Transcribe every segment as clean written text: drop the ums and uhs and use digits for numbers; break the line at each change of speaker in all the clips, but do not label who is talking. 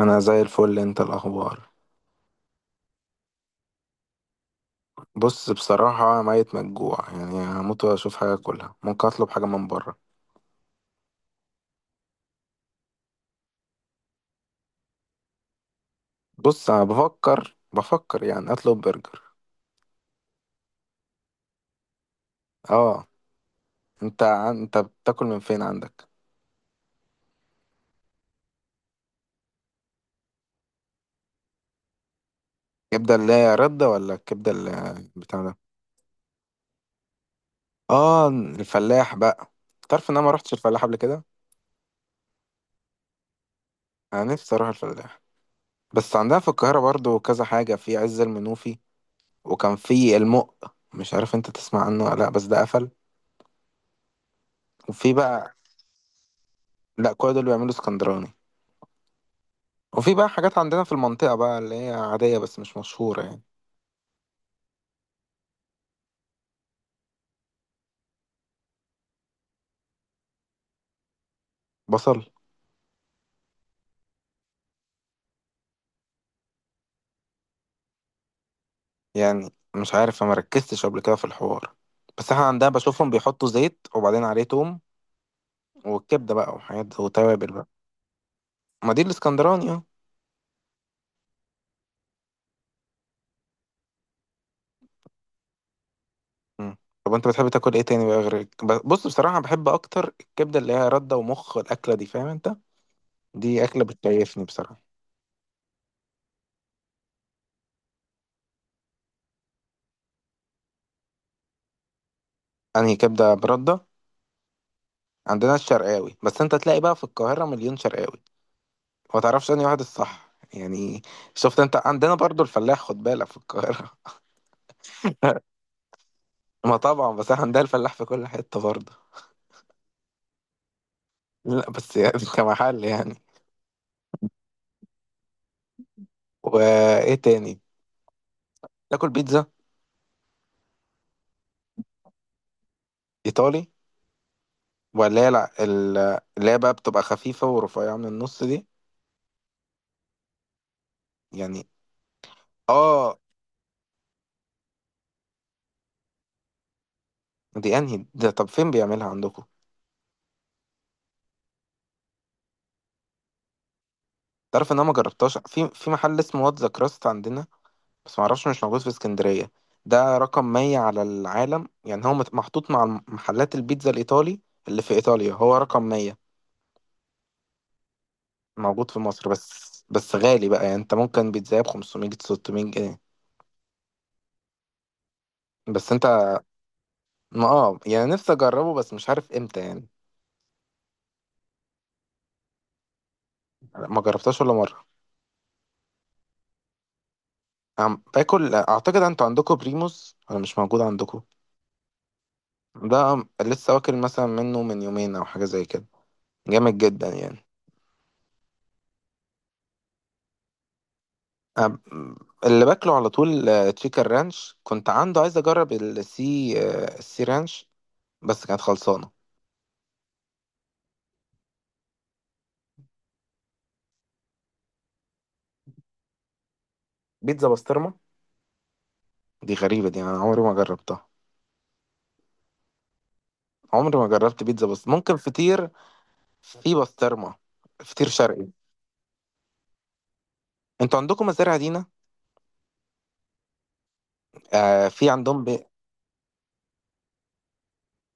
انا زي الفل. انت الاخبار؟ بص، بصراحه ميت مجوع، يعني هموت واشوف حاجه اكلها. ممكن اطلب حاجه من بره. بص انا بفكر يعني اطلب برجر. اه. انت بتاكل من فين عندك؟ كبده اللي هي رده ولا الكبده اللي... بتاع ده. اه، الفلاح بقى. تعرف ان انا ما رحتش الفلاح قبل كده. انا نفسي اروح الفلاح. بس عندنا في القاهره برضو كذا حاجه، في عز المنوفي. وكان في المق، مش عارف انت تسمع عنه ولا لا، بس ده قفل. وفي بقى... لا كل دول بيعملوا اسكندراني. وفي بقى حاجات عندنا في المنطقة بقى اللي هي عادية بس مش مشهورة يعني. بصل يعني. مش عارف، ما ركزتش قبل كده في الحوار. بس احنا عندنا بشوفهم بيحطوا زيت، وبعدين عليه توم، والكبدة بقى وحاجات وتوابل بقى. ما دي الاسكندراني اه. مم. طب انت بتحب تاكل ايه تاني بقى، غير بص بصراحة بحب اكتر الكبدة اللي هي ردة ومخ، الأكلة دي، فاهم انت؟ دي أكلة بتكيفني بصراحة. انهي كبدة بردة؟ عندنا الشرقاوي، بس انت تلاقي بقى في القاهرة مليون شرقاوي، ما تعرفش انهي واحد الصح يعني. شفت انت عندنا برضو الفلاح، خد بالك، في القاهرة. ما طبعا، بس احنا عندنا الفلاح في كل حتة برضه. لا بس يعني كمحل يعني. وايه تاني؟ تاكل بيتزا؟ ايطالي ولا هي، لا ال- اللي هي بقى بتبقى خفيفة ورفيعة من النص دي يعني. اه. دي انهي ده؟ طب فين بيعملها عندكم؟ تعرف ان انا ما جربتهاش في محل اسمه واتزا كراست عندنا، بس معرفش مش موجود في اسكندرية. ده رقم 100 على العالم يعني، هو محطوط مع محلات البيتزا الإيطالي اللي في إيطاليا، هو رقم 100. موجود في مصر بس غالي بقى، يعني انت ممكن بيتزا ب 500 600 جنيه. بس انت، ما اه يعني نفسي اجربه بس مش عارف امتى يعني. ما جربتهاش ولا مرة. عم باكل اعتقد، انتوا عندكم بريموس ولا مش موجود عندكم؟ ده لسه واكل مثلا منه من يومين او حاجة زي كده. جامد جدا يعني. أم- اللي باكله على طول تشيكن رانش. كنت عنده عايز اجرب السي رانش، بس كانت خلصانه. بيتزا بسطرمه؟ دي غريبه، دي انا عمري ما جربتها. عمري ما جربت بيتزا، بس ممكن فطير في بسطرمه. فطير شرقي. انتوا عندكم مزارع دينا؟ آه في عندهم ب...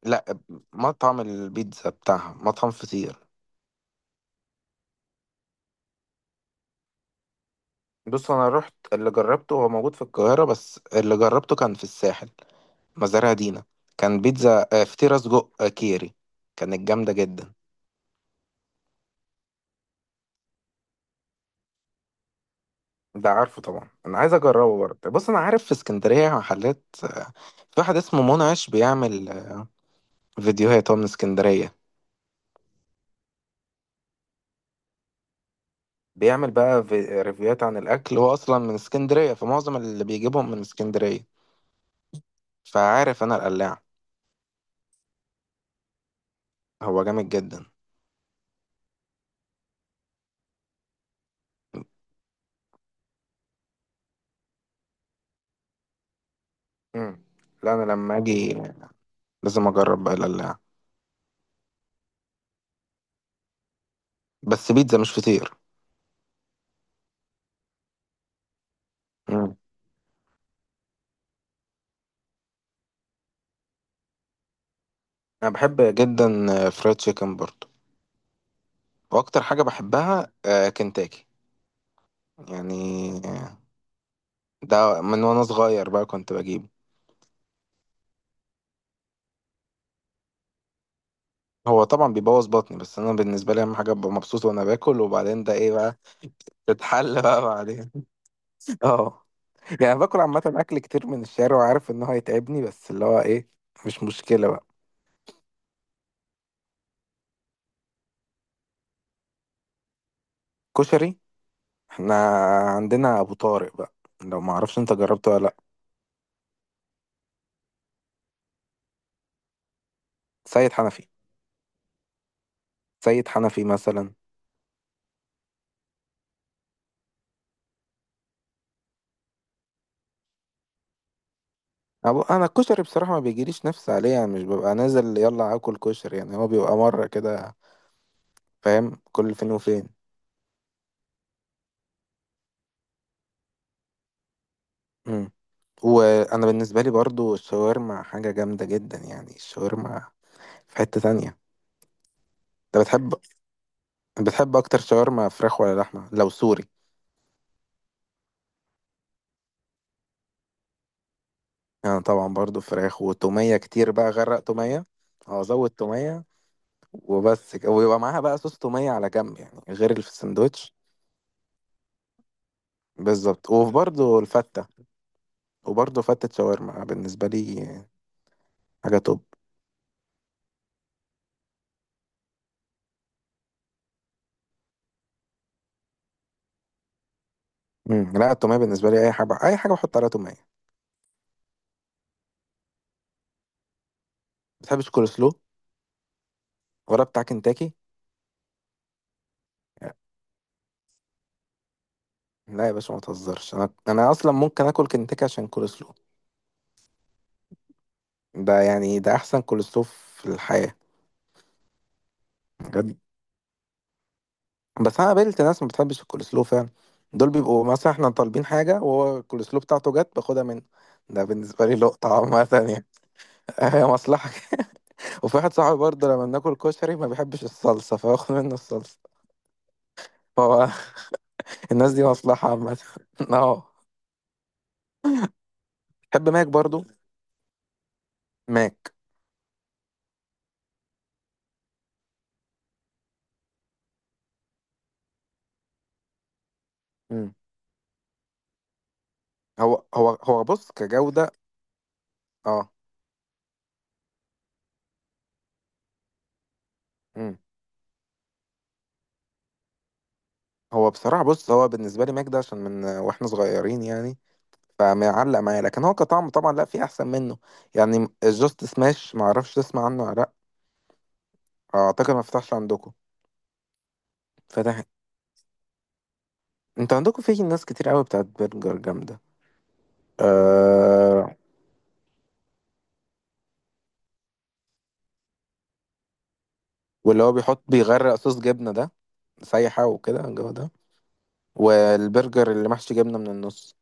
لا، مطعم البيتزا بتاعها، مطعم فطير. بص انا رحت، اللي جربته هو موجود في القاهره، بس اللي جربته كان في الساحل، مزارع دينا. كان بيتزا، فطيرة سجق كيري. كانت جامدة جدا. ده عارفه طبعا، انا عايز اجربه برضه. بص انا عارف في اسكندرية محلات، في واحد اسمه منعش، بيعمل فيديوهات، هو من اسكندرية. بيعمل بقى ريفيوهات عن الاكل، هو اصلا من اسكندرية، فمعظم اللي بيجيبهم من اسكندرية. فعارف انا القلاع، هو جامد جدا. مم. لا انا لما اجي لازم اجرب بقى القلاع، بس بيتزا مش فطير. مم. انا بحب جدا فرايد تشيكن برضه. واكتر حاجه بحبها كنتاكي يعني. آه، ده من وانا صغير بقى كنت بجيبه. هو طبعا بيبوظ بطني، بس انا بالنسبه لي اهم حاجه ابقى مبسوط وانا باكل، وبعدين ده ايه بقى، تتحل بقى بعدين. اه. يعني باكل عامه اكل كتير من الشارع، وعارف ان هو هيتعبني، بس اللي هو ايه، مش مشكله بقى. كشري. احنا عندنا ابو طارق بقى، لو ما اعرفش انت جربته ولا لا. سيد حنفي، سيد حنفي مثلا. انا الكشري بصراحه ما بيجيليش نفس عليه يعني، مش ببقى نازل يلا اكل كشري يعني، هو بيبقى مره كده فاهم، كل فين وفين. امم. وانا بالنسبه لي برضو الشاورما حاجه جامده جدا يعني، الشاورما، في حته تانية. انت بتحب، بتحب اكتر شاورما فراخ ولا لحمه لو سوري؟ انا طبعا برضو فراخ وتوميه كتير بقى، غرق توميه، او ازود توميه. وبس كده. ويبقى معاها بقى صوص توميه على جنب يعني، غير اللي في السندوتش. بالظبط. وبرضو الفته، وبرضه فتة شاورما بالنسبة لي حاجه توب. امم. لا التوميه بالنسبه لي، اي حاجه، اي حاجه بحط عليها توميه. بتحب الكول سلو، ولا بتاع كنتاكي؟ لا يا باشا ما تهزرش، انا اصلا ممكن اكل كنتاكي عشان كول سلو. ده يعني ده احسن كول سلو في الحياه. بجد. بس انا قابلت ناس ما بتحبش الكول سلو فعلا. دول بيبقوا مثلا احنا طالبين حاجه، وهو الكول سلو بتاعته جت باخدها منه. ده بالنسبه لي لقطه عامه يعني. هي مصلحه. وفي واحد صاحبي برضه لما بناكل كشري ما بيحبش الصلصه، فباخد منه الصلصه. فهو، الناس دي مصلحه عامه. اه. بحب ماك برضو. ماك. مم. هو بص، كجودة، اه. مم. هو بصراحة، بص، هو بالنسبة لي ماك ده عشان من واحنا صغيرين يعني، فمعلق معايا. لكن هو كطعم طبعا، لا في احسن منه يعني. الجاست سماش، ما اعرفش تسمع عنه ولا لا، اعتقد ما فتحش عندكم. فتح؟ انت عندكم في ناس كتير قوي بتاعت برجر جامدة. آه... واللي هو بيحط، بيغرق صوص جبنة ده، سايحة وكده، الجو ده. والبرجر اللي محشي جبنة من النص.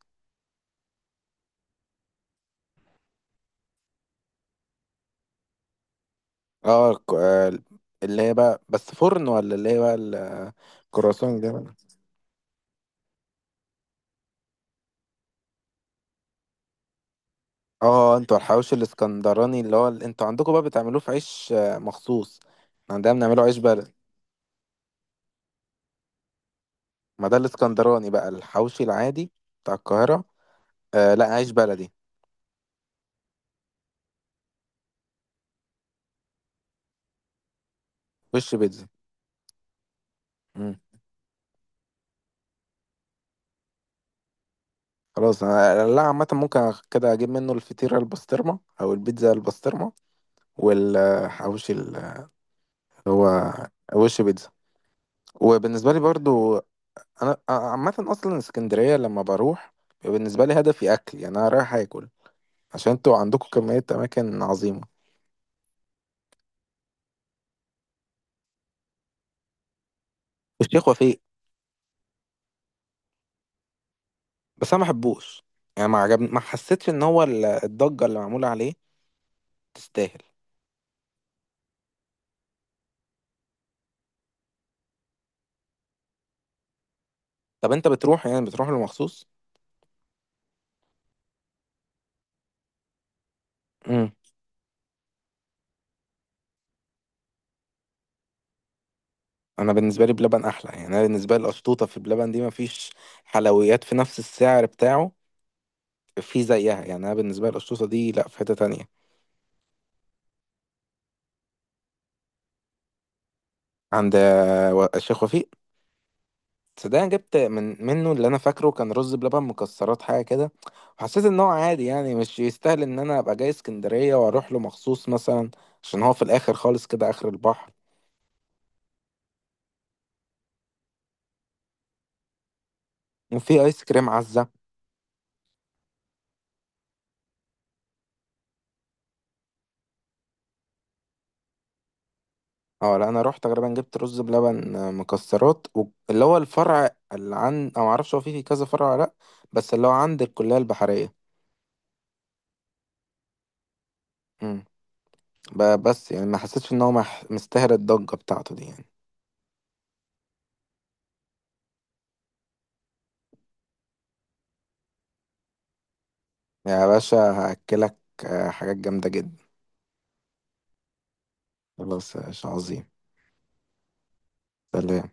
اه، اللي هي بقى بس فرن، ولا اللي هي بقى الكرواسون دي بقى؟ اه انتوا الحواوشي الاسكندراني اللي هو انتوا عندكم بقى بتعملوه في عيش مخصوص. احنا عندنا بنعمله عيش بلد. ما ده الاسكندراني بقى الحواوشي العادي بتاع القاهرة. آه لا، عيش بلدي. وش بيتزا. مم. خلاص انا، لا عامة ممكن كده اجيب منه الفطيرة البسطرمة او البيتزا البسطرمة. والحواوشي اللي هو وش بيتزا. وبالنسبة لي برضو، انا عامه اصلا اسكندريه لما بروح بيبقى بالنسبه لي هدفي اكل يعني، انا رايح اكل، عشان انتوا عندكم كميه اماكن عظيمه. والشيخ وفيق، بس انا ما بحبوش يعني، ما عجبني، ما حسيتش ان هو الضجه اللي معموله عليه تستاهل. طب انت بتروح يعني، بتروح له مخصوص؟ امم. انا بالنسبه لي بلبن احلى، يعني انا بالنسبه لي القشطوطه في بلبن دي، ما فيش حلويات في نفس السعر بتاعه في زيها يعني. انا بالنسبه لي القشطوطه دي لا في حته تانية. عند الشيخ وفيق، صدق أنا جبت من منه، اللي انا فاكره كان رز بلبن مكسرات حاجه كده، وحسيت ان هو عادي يعني، مش يستاهل ان انا ابقى جاي اسكندريه واروح له مخصوص مثلا، عشان هو في الاخر خالص كده، اخر البحر. وفي ايس كريم عزه. اه لا، انا رحت غالبا، جبت رز بلبن مكسرات اللي هو الفرع اللي عن، او معرفش هو في كذا فرع ولا لا، بس اللي هو عند الكليه البحريه. امم. بس يعني ما حسيتش ان هو مستاهل الضجه بتاعته دي يعني. يا باشا هاكلك حاجات جامده جدا. خلاص يا باشا، عظيم. سلام.